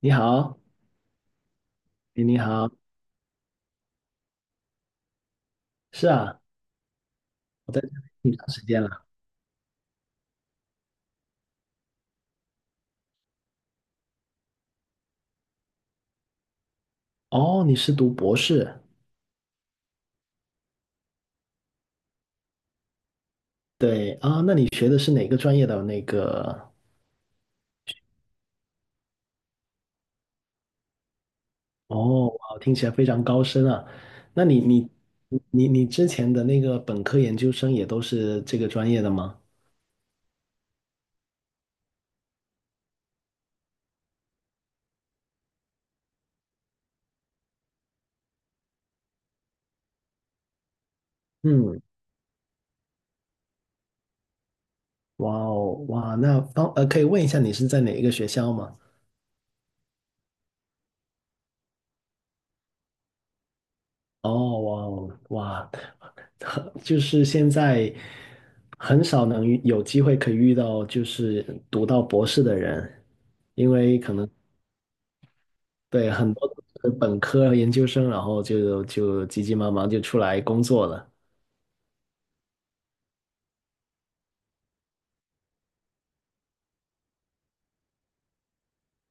你好。哎，你好。是啊，我在这里挺长时间了。哦，你是读博士？对啊，那你学的是哪个专业的那个？哦，哇，听起来非常高深啊。那你之前的那个本科研究生也都是这个专业的吗？嗯，哇哦，哇，那可以问一下你是在哪一个学校吗？哦，哇哦，哇，很就是现在很少能遇有机会可以遇到，就是读到博士的人，因为可能对很多都是本科和研究生，然后就急急忙忙就出来工作了。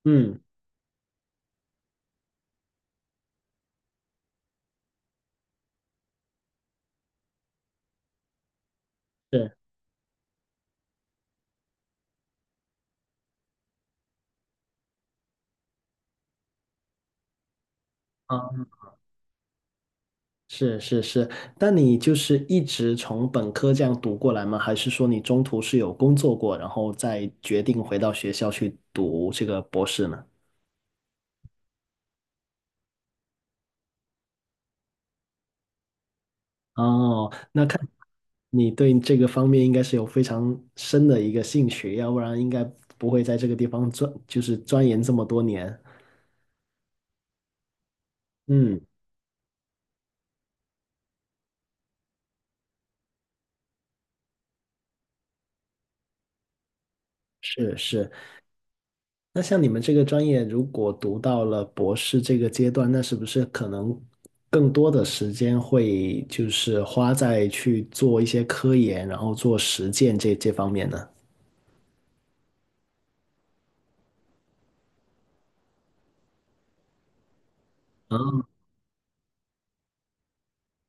嗯，是啊，是是是。那你就是一直从本科这样读过来吗？还是说你中途是有工作过，然后再决定回到学校去读这个博士呢？哦，那看你对这个方面应该是有非常深的一个兴趣，要不然应该不会在这个地方钻，就是钻研这么多年。嗯，是是。那像你们这个专业，如果读到了博士这个阶段，那是不是可能更多的时间会就是花在去做一些科研，然后做实践这方面呢？啊，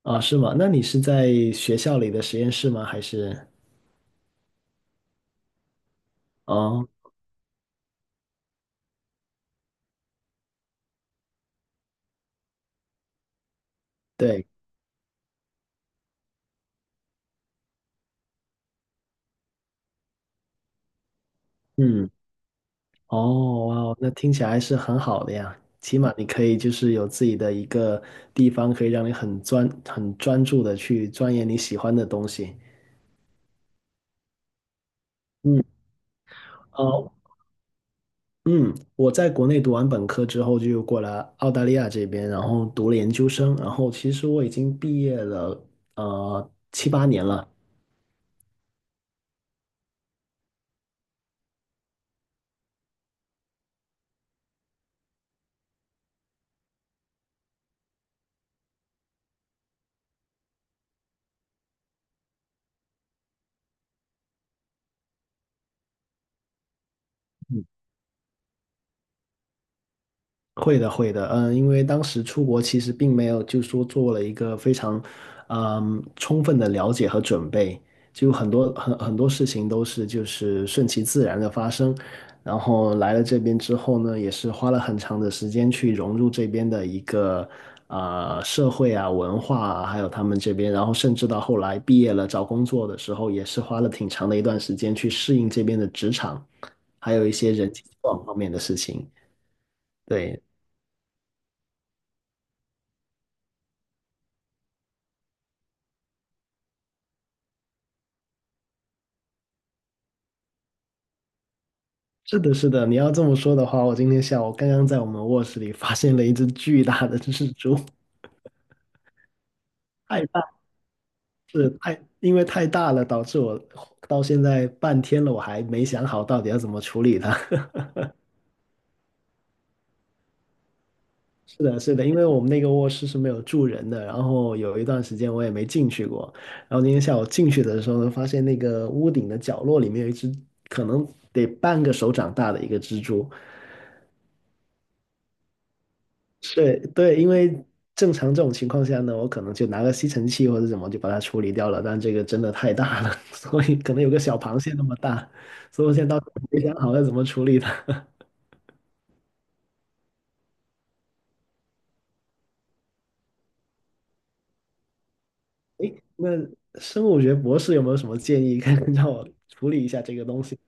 啊，是吗？那你是在学校里的实验室吗？还是？哦，对，嗯。哦，哇哦，那听起来是很好的呀。起码你可以就是有自己的一个地方，可以让你很专注的去钻研你喜欢的东西。嗯，哦，嗯，我在国内读完本科之后就过来澳大利亚这边，然后读了研究生，然后其实我已经毕业了，七八年了。会的，会的，嗯，因为当时出国其实并没有，就说做了一个非常，嗯，充分的了解和准备，就很多事情都是就是顺其自然的发生，然后来了这边之后呢，也是花了很长的时间去融入这边的一个社会啊文化啊，还有他们这边，然后甚至到后来毕业了找工作的时候，也是花了挺长的一段时间去适应这边的职场，还有一些人际交往方面的事情。对，是的，是的，你要这么说的话，我今天下午刚刚在我们卧室里发现了一只巨大的蜘蛛。太大，因为太大了，导致我到现在半天了，我还没想好到底要怎么处理它。是的，是的，因为我们那个卧室是没有住人的，然后有一段时间我也没进去过，然后今天下午进去的时候呢，发现那个屋顶的角落里面有一只可能得半个手掌大的一个蜘蛛。对对，因为正常这种情况下呢，我可能就拿个吸尘器或者怎么就把它处理掉了，但这个真的太大了，所以可能有个小螃蟹那么大，所以我现在到时候没想好要怎么处理它。诶，那生物学博士有没有什么建议，可以 让我处理一下这个东西？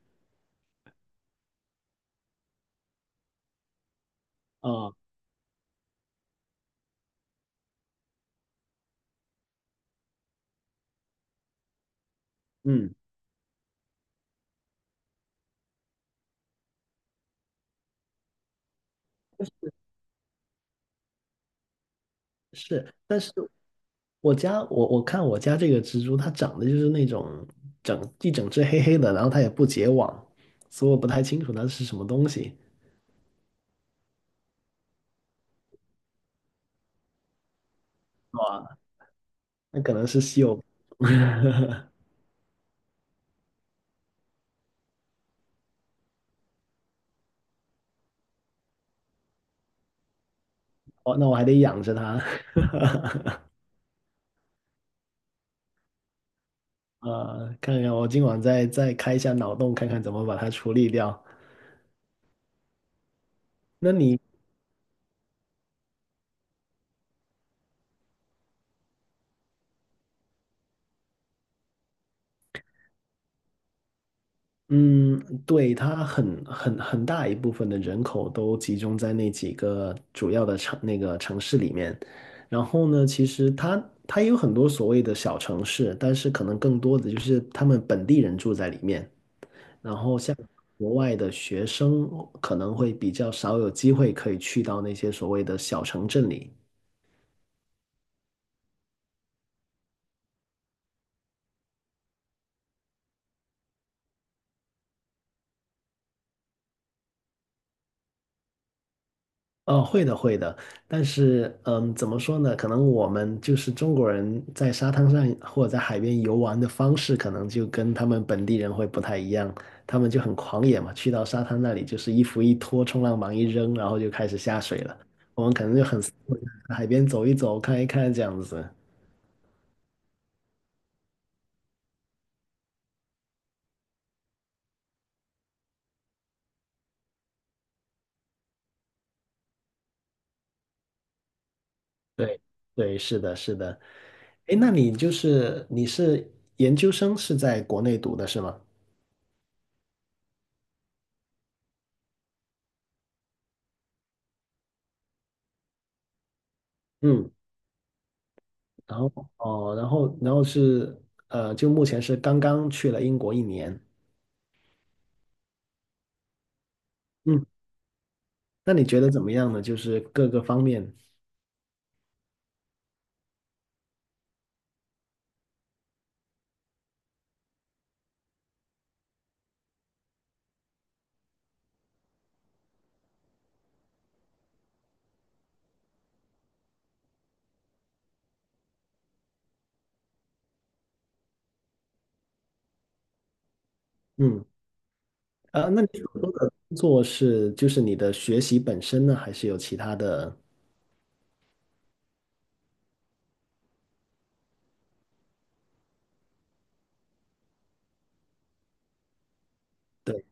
啊、嗯，是，但是我看我家这个蜘蛛，它长得就是那种整只黑黑的，然后它也不结网，所以我不太清楚它是什么东西。那可能是稀有。哦，那我还得养着它。呃，看看我今晚再开一下脑洞，看看怎么把它处理掉。那你，嗯，对，它很很大一部分的人口都集中在那几个主要的那个城市里面，然后呢，其实它也有很多所谓的小城市，但是可能更多的就是他们本地人住在里面，然后像国外的学生可能会比较少有机会可以去到那些所谓的小城镇里。哦，会的，会的，但是，嗯，怎么说呢？可能我们就是中国人在沙滩上或者在海边游玩的方式，可能就跟他们本地人会不太一样。他们就很狂野嘛，去到沙滩那里就是衣服一脱，冲浪板一扔，然后就开始下水了。我们可能就很斯文，海边走一走，看一看这样子。对，对，是的，是的。哎，那你研究生是在国内读的是吗？嗯。然后哦，然后是呃，就目前是刚刚去了英国一年。嗯，那你觉得怎么样呢？就是各个方面。嗯，呃，那你所说的工作是就是你的学习本身呢，还是有其他的？对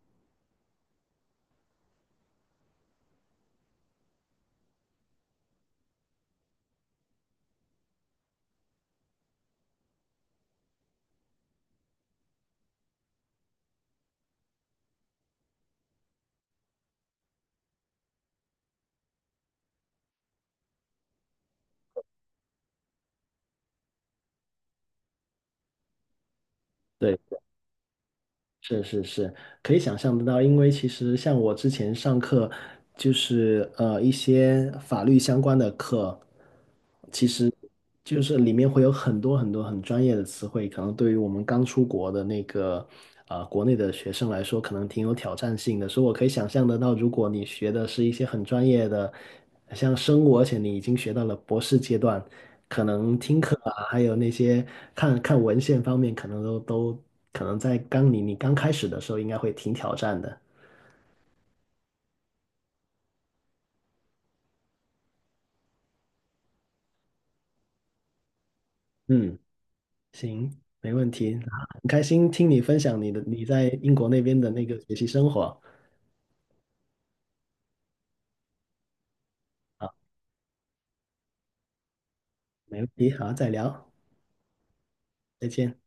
对，是是是，可以想象得到，因为其实像我之前上课，就是一些法律相关的课，其实就是里面会有很多很多很专业的词汇，可能对于我们刚出国的那个国内的学生来说，可能挺有挑战性的。所以我可以想象得到，如果你学的是一些很专业的。像生物，而且你已经学到了博士阶段，可能听课啊，还有那些看看文献方面，可能在刚你刚开始的时候，应该会挺挑战的。嗯，行，没问题，啊，很开心听你分享你的你在英国那边的那个学习生活。好，没问题，好，再聊，再见。